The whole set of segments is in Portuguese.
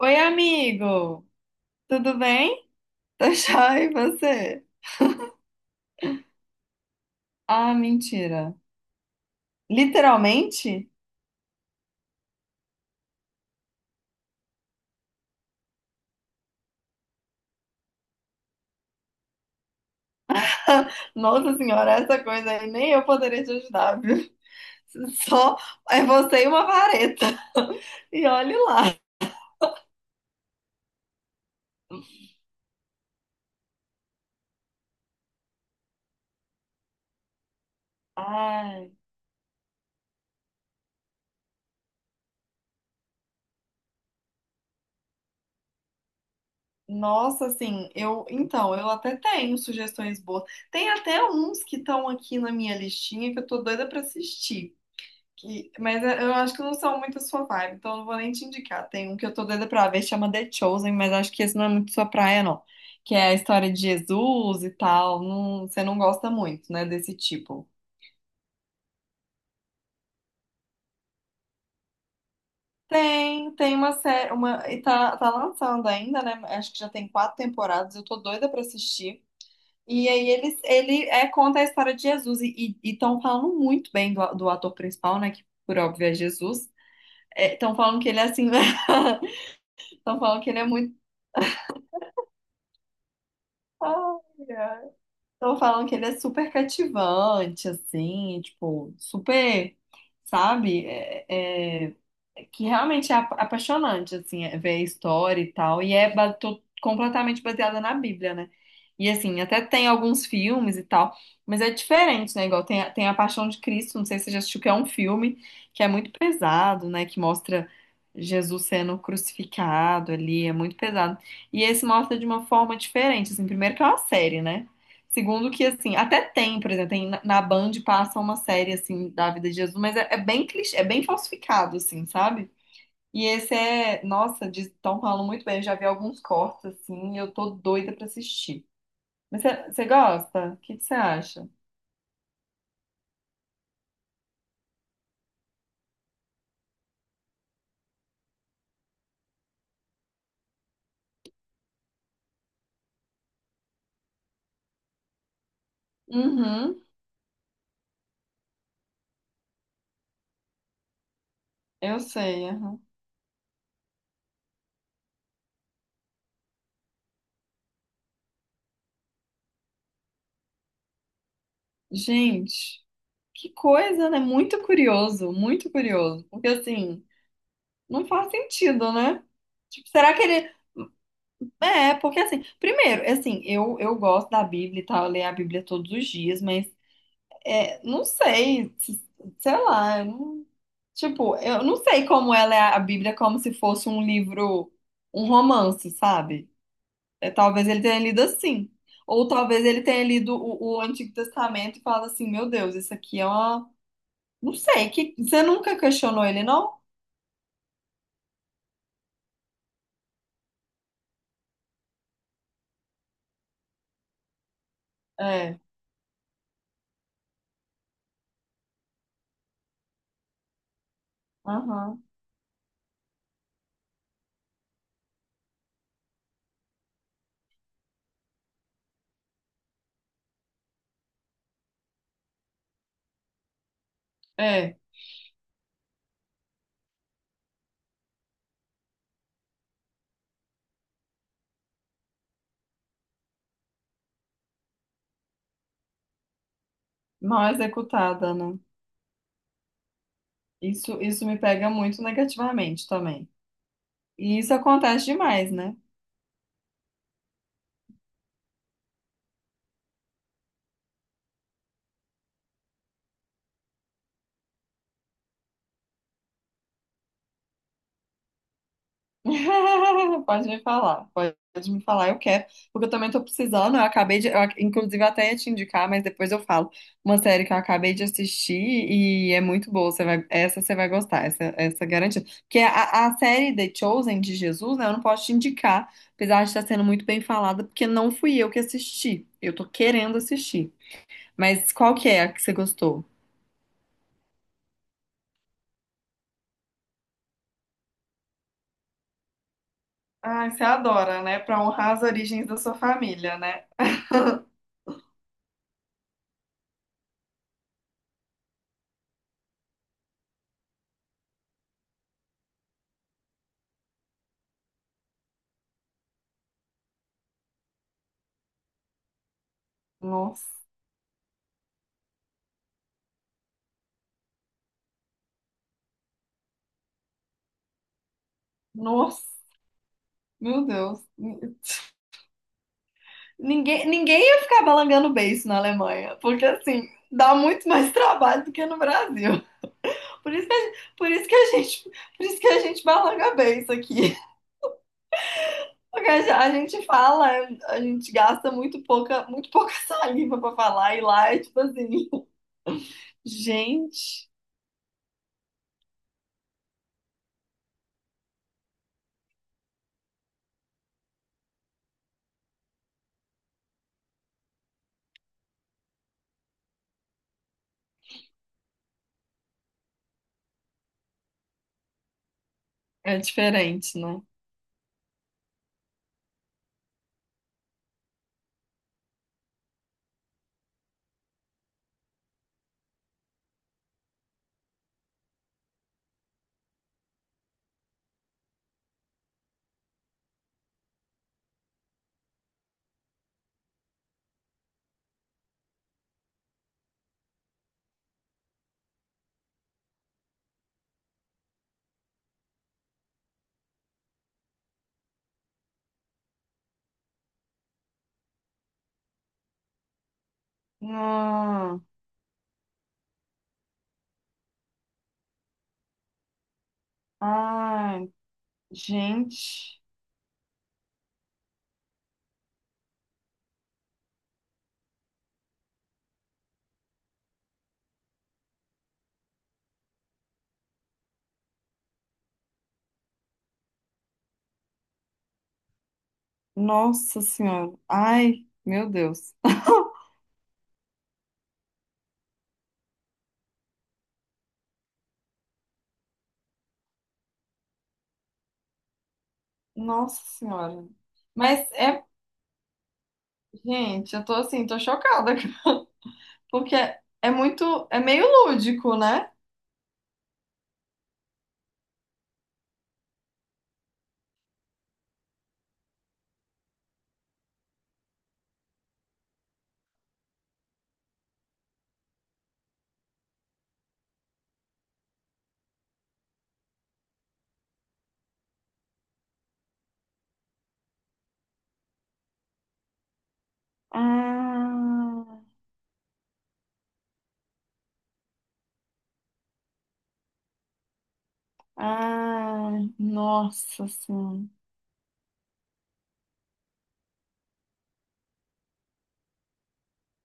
Oi, amigo! Tudo bem? Tá joia, e você? Ah, mentira. Literalmente? Nossa senhora, essa coisa aí nem eu poderia te ajudar, viu? Só é você e uma vareta. E olhe lá. Ai, nossa, assim, eu até tenho sugestões boas. Tem até uns que estão aqui na minha listinha que eu tô doida pra assistir. Mas é, eu acho que não são muito sua vibe, então eu não vou nem te indicar. Tem um que eu tô doida pra ver, chama The Chosen, mas acho que esse não é muito sua praia, não. Que é a história de Jesus e tal. Você não gosta muito, né, desse tipo. Tem, tem uma série, uma, e tá, tá lançando ainda, né? Acho que já tem quatro temporadas, eu tô doida pra assistir. E aí conta a história de Jesus e estão falando muito bem do ator principal, né? Que por óbvio é Jesus. Estão falando que ele é assim, estão falando que ele é muito. Ai, ai. Estão falando que ele é super cativante, assim, tipo, super, sabe? É que realmente é apaixonante, assim, é ver a história e tal. E é completamente baseada na Bíblia, né? E, assim, até tem alguns filmes e tal, mas é diferente, né? Igual tem, tem A Paixão de Cristo, não sei se você já assistiu, que é um filme que é muito pesado, né? Que mostra Jesus sendo crucificado ali, é muito pesado. E esse mostra de uma forma diferente, assim, primeiro que é uma série, né? Segundo que, assim, até tem, por exemplo, tem, na Band passa uma série, assim, da vida de Jesus, mas é bem clichê, é bem falsificado, assim, sabe? E esse é, nossa, estão falando muito bem, eu já vi alguns cortes, assim, e eu tô doida pra assistir. Mas você gosta? O que que você acha? Uhum, eu sei, aham. Gente, que coisa, né? Muito curioso, muito curioso. Porque, assim, não faz sentido, né? Tipo, será que ele. É, porque assim, primeiro, é assim, eu gosto da Bíblia e tal, eu leio a Bíblia todos os dias, mas é, não sei, sei lá, eu não- tipo, eu não sei como ela é a Bíblia como se fosse um livro, um romance, sabe? É, talvez ele tenha lido assim. Ou talvez ele tenha lido o Antigo Testamento e fala assim, meu Deus, isso aqui é uma. Não sei, que... você nunca questionou ele, não? É, aham, é, mal executada, né? Isso me pega muito negativamente também. E isso acontece demais, né? Pode me falar, eu quero, porque eu também tô precisando. Eu acabei de, inclusive, eu até ia te indicar, mas depois eu falo. Uma série que eu acabei de assistir e é muito boa. Você vai, essa você vai gostar, essa é garantida. Porque a série The Chosen de Jesus, né? Eu não posso te indicar, apesar de estar sendo muito bem falada, porque não fui eu que assisti. Eu tô querendo assistir. Mas qual que é a que você gostou? Ah, você adora, né? Pra honrar as origens da sua família, né? Nossa, nossa, meu Deus. Ninguém, ninguém ia ficar balangando beiço na Alemanha, porque assim, dá muito mais trabalho do que no Brasil. Por isso que a gente, por isso que a gente balanga beiço aqui. Porque a gente fala, a gente gasta muito pouca saliva pra falar, e lá é tipo assim, gente, é diferente, né? Ah, ai, gente. Nossa Senhora. Ai, meu Deus. Nossa Senhora. Mas é, gente, eu tô assim, tô chocada, porque é muito, é meio lúdico, né? Ah, ah, nossa Senhora.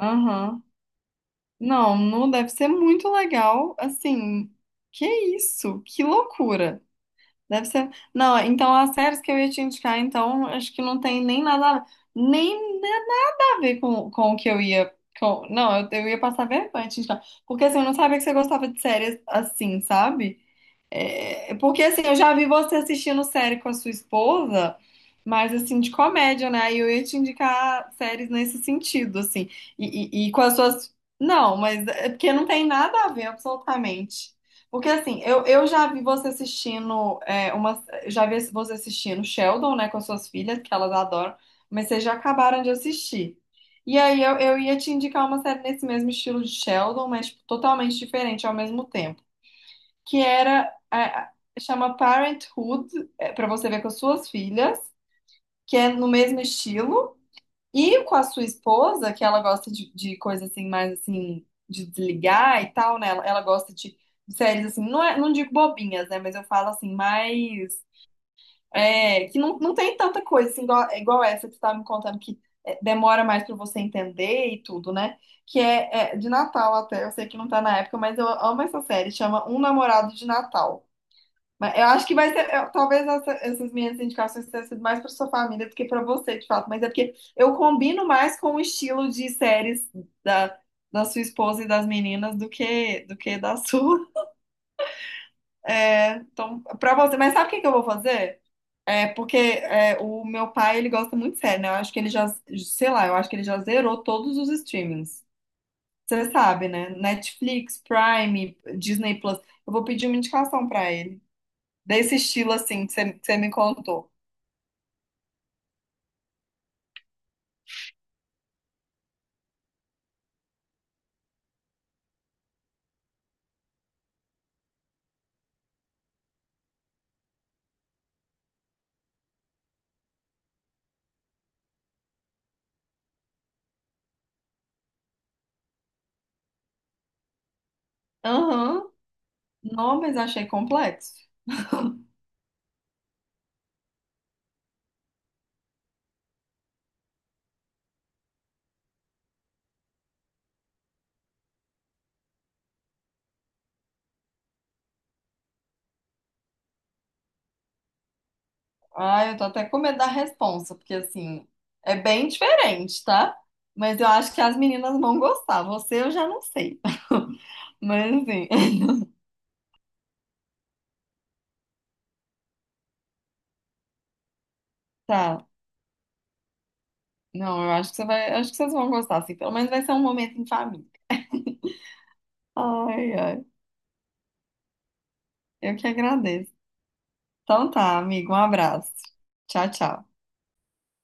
Aham. Não, não deve ser muito legal, assim. Que isso? Que loucura. Deve ser. Não, então as séries que eu ia te indicar, então, acho que não tem nem nada, nem nada a ver com o que eu ia. Com... Não, eu ia passar vergonha, gente, não. Porque assim, eu não sabia que você gostava de séries assim, sabe? É, porque assim, eu já vi você assistindo série com a sua esposa, mas assim, de comédia, né? E eu ia te indicar séries nesse sentido, assim. E, e com as suas. Não, mas é porque não tem nada a ver, absolutamente. Porque assim, eu já vi você assistindo é, uma. Já vi você assistindo Sheldon, né, com as suas filhas, que elas adoram, mas vocês já acabaram de assistir. E aí eu ia te indicar uma série nesse mesmo estilo de Sheldon, mas tipo, totalmente diferente ao mesmo tempo que era chama Parenthood, para você ver com as suas filhas, que é no mesmo estilo, e com a sua esposa, que ela gosta de coisa assim, mais assim, de desligar e tal, né? Ela gosta de séries assim, não, é, não digo bobinhas, né? Mas eu falo assim, mais. É, que não, não tem tanta coisa assim, igual, é igual essa que você estava me contando, que é, demora mais para você entender e tudo, né? Que é, é de Natal até, eu sei que não tá na época, mas eu amo essa série, chama Um Namorado de Natal. Mas eu acho que vai ser. Talvez essas minhas indicações tenham sido mais para sua família do que para você, de fato. Mas é porque eu combino mais com o estilo de séries da, da sua esposa e das meninas do que da sua. Né? Então, para você. Mas sabe o que que eu vou fazer? É porque é, o meu pai, ele gosta muito de série, né? Eu acho que ele já, sei lá, eu acho que ele já zerou todos os streamings. Você sabe, né? Netflix, Prime, Disney Plus. Eu vou pedir uma indicação para ele, desse estilo assim que você me contou. Aham. Não, mas achei complexo. Ah, eu tô até com medo da resposta, porque assim, é bem diferente, tá? Mas eu acho que as meninas vão gostar. Você eu já não sei. Mas assim, tá. Não, eu acho que você vai, acho que vocês vão gostar, assim. Pelo menos vai ser um momento em família. Ai, ai. Eu que agradeço. Então tá, amigo, um abraço. Tchau, tchau.